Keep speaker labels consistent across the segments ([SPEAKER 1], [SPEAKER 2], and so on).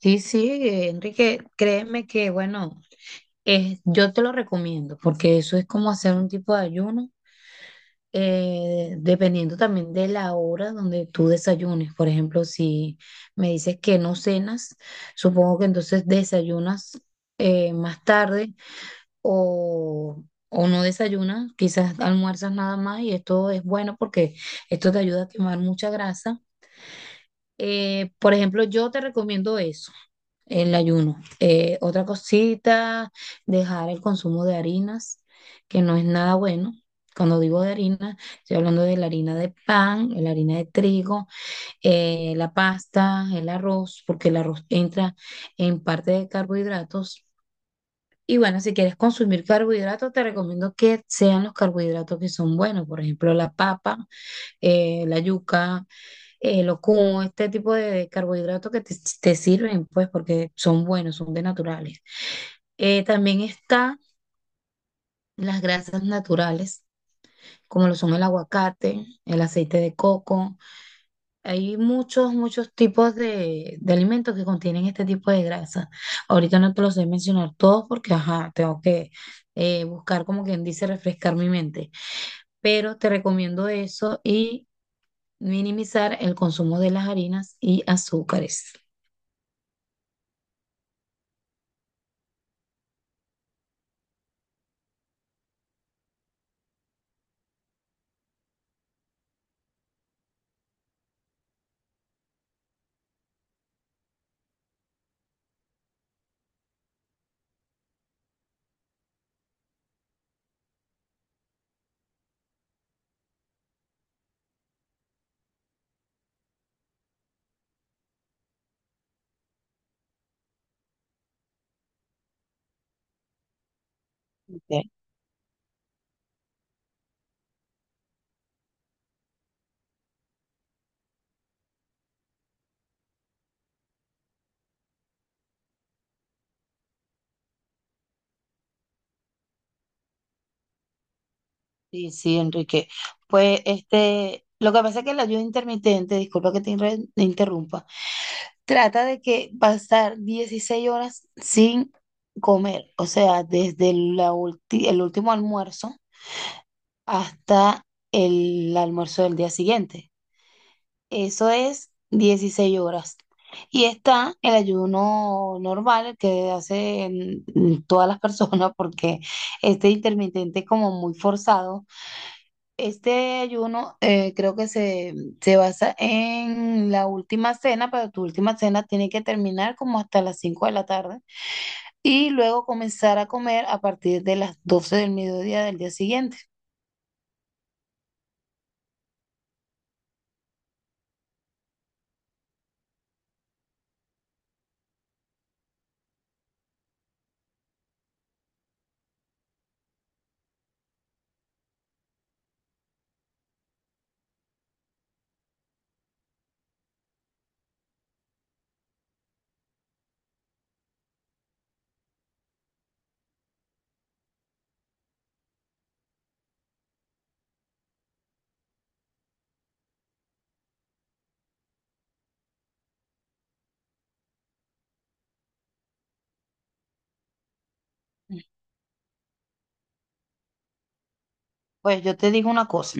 [SPEAKER 1] Sí, sí, Enrique, créeme que, bueno, yo te lo recomiendo porque eso es como hacer un tipo de ayuno, dependiendo también de la hora donde tú desayunes. Por ejemplo, si me dices que no cenas, supongo que entonces desayunas más tarde o, o no desayunas, quizás almuerzas nada más y esto es bueno porque esto te ayuda a quemar mucha grasa. Por ejemplo, yo te recomiendo eso. El ayuno. Otra cosita, dejar el consumo de harinas, que no es nada bueno. Cuando digo de harina, estoy hablando de la harina de pan, la harina de trigo, la pasta, el arroz, porque el arroz entra en parte de carbohidratos. Y bueno, si quieres consumir carbohidratos, te recomiendo que sean los carbohidratos que son buenos, por ejemplo, la papa, la yuca, locum, este tipo de carbohidratos que te sirven, pues, porque son buenos, son de naturales. También está las grasas naturales, como lo son el aguacate, el aceite de coco. Hay muchos, muchos tipos de alimentos que contienen este tipo de grasa. Ahorita no te los sé mencionar todos porque, ajá, tengo que buscar, como quien dice, refrescar mi mente. Pero te recomiendo eso y minimizar el consumo de las harinas y azúcares. Sí, sí, Enrique. Pues este, lo que pasa es que el ayuno intermitente, disculpa que te te interrumpa, trata de que pasar 16 horas sin comer, o sea, desde la el último almuerzo hasta el almuerzo del día siguiente. Eso es 16 horas. Y está el ayuno normal, el que hacen todas las personas, porque este intermitente es como muy forzado este ayuno creo que se basa en la última cena, pero tu última cena tiene que terminar como hasta las 5 de la tarde y luego comenzar a comer a partir de las 12 del mediodía del día siguiente. Pues yo te digo una cosa.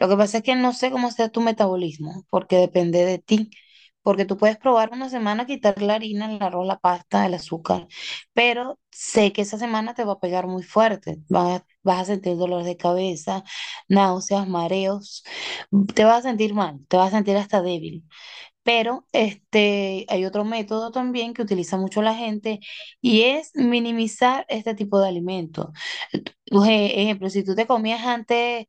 [SPEAKER 1] Lo que pasa es que no sé cómo sea tu metabolismo, porque depende de ti. Porque tú puedes probar una semana quitar la harina, el arroz, la pasta, el azúcar, pero sé que esa semana te va a pegar muy fuerte. Vas a sentir dolor de cabeza, náuseas, mareos, te vas a sentir mal, te vas a sentir hasta débil. Pero este, hay otro método también que utiliza mucho la gente y es minimizar este tipo de alimentos. Tú- Por ejemplo, si tú te comías antes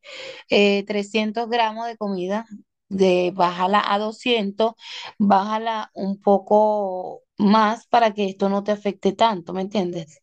[SPEAKER 1] 300 gramos de comida, de, bájala a 200, bájala un poco más para que esto no te afecte tanto, ¿me entiendes?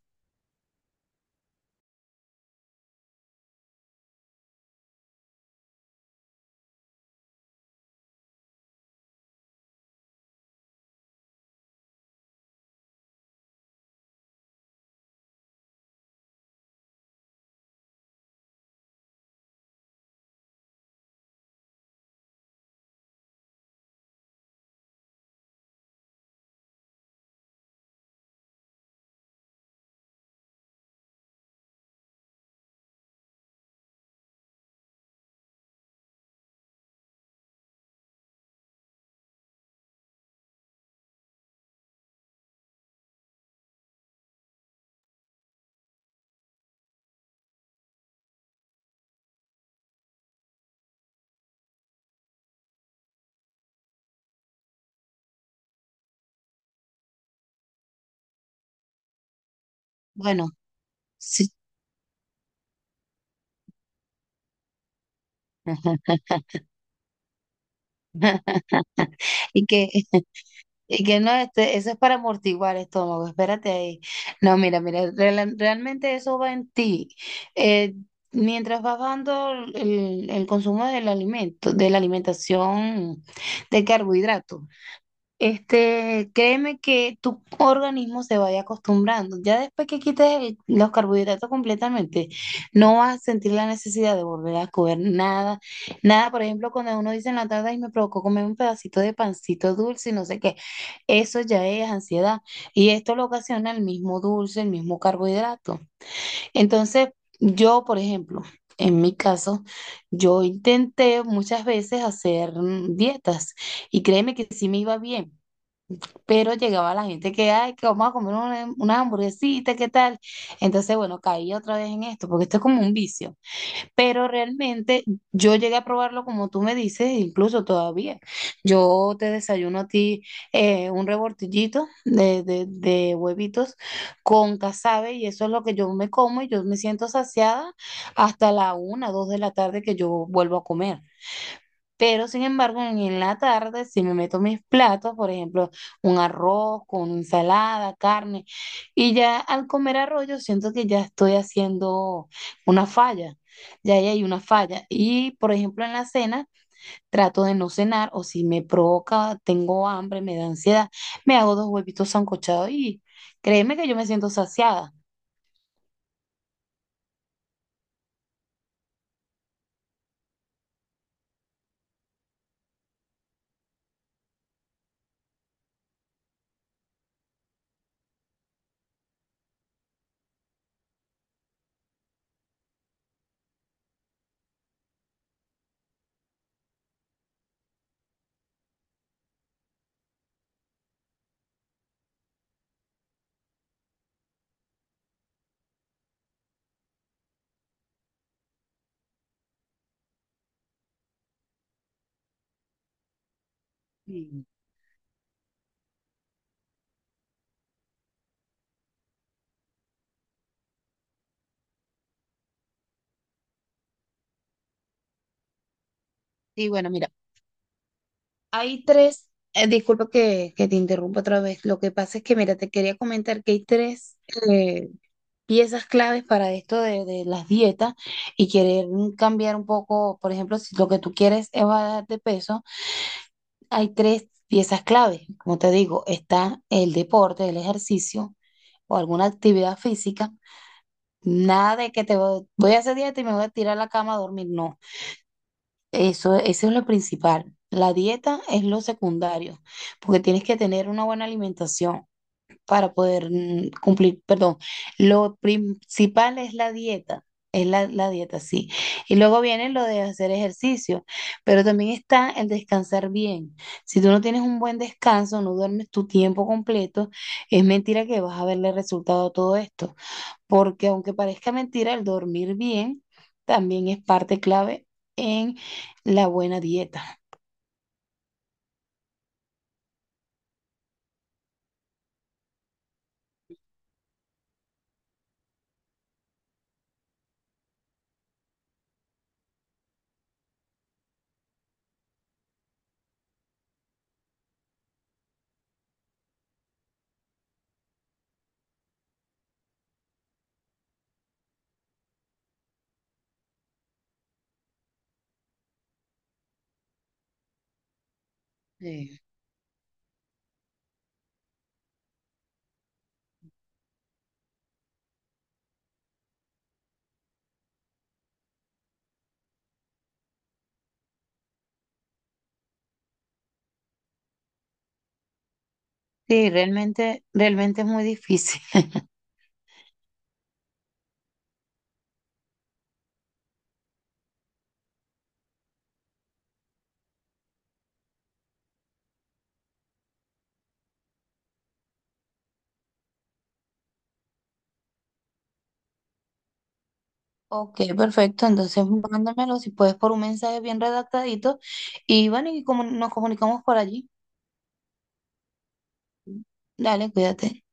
[SPEAKER 1] Bueno, sí. Y que Y que no, este, eso es para amortiguar estómago, espérate ahí. No, mira, mira, realmente eso va en ti. Eh, Mientras vas bajando el consumo del alimento, de la alimentación de carbohidratos, este, créeme que tu organismo se vaya acostumbrando. Ya después que quites los carbohidratos completamente, no vas a sentir la necesidad de volver a comer nada. Nada, por ejemplo, cuando uno dice en la tarde, y me provocó comer un pedacito de pancito dulce y no sé qué. Eso ya es ansiedad. Y esto lo ocasiona el mismo dulce, el mismo carbohidrato. Entonces, yo, por ejemplo, en mi caso, yo intenté muchas veces hacer dietas y créeme que sí me iba bien pero llegaba la gente que, ay, que vamos a comer una hamburguesita, ¿qué tal? Entonces, bueno, caí otra vez en esto, porque esto es como un vicio, pero realmente yo llegué a probarlo como tú me dices, incluso todavía. Yo te desayuno a ti un revoltillito de huevitos con casabe y eso es lo que yo me como y yo me siento saciada hasta la una, dos de la tarde que yo vuelvo a comer. Pero sin embargo, en la tarde, si me meto mis platos, por ejemplo, un arroz con ensalada, carne, y ya al comer arroz, yo siento que ya estoy haciendo una falla, ya ahí hay una falla. Y por ejemplo, en la cena, trato de no cenar, o si me provoca, tengo hambre, me da ansiedad, me hago dos huevitos sancochados y créeme que yo me siento saciada. Sí, sí, bueno, mira. Hay tres, disculpa que te interrumpa otra vez. Lo que pasa es que, mira, te quería comentar que hay tres eh, piezas claves para esto de las dietas y querer cambiar un poco, por ejemplo, si lo que tú quieres es bajar de peso, hay tres piezas claves. Como te digo, está el deporte, el ejercicio o alguna actividad física. Nada de que te voy a hacer dieta y me voy a tirar a la cama a dormir. No. Eso es lo principal. La dieta es lo secundario, porque tienes que tener una buena alimentación para poder cumplir, perdón, lo principal es la dieta, es la dieta, sí. Y luego viene lo de hacer ejercicio, pero también está el descansar bien. Si tú no tienes un buen descanso, no duermes tu tiempo completo, es mentira que vas a verle resultado a todo esto porque aunque parezca mentira, el dormir bien también es parte clave en la buena dieta. Sí. Sí, realmente, realmente es muy difícil. Ok, perfecto. Entonces, mándamelo si puedes por un mensaje bien redactadito. Y bueno, y como nos comunicamos por allí. Dale, cuídate.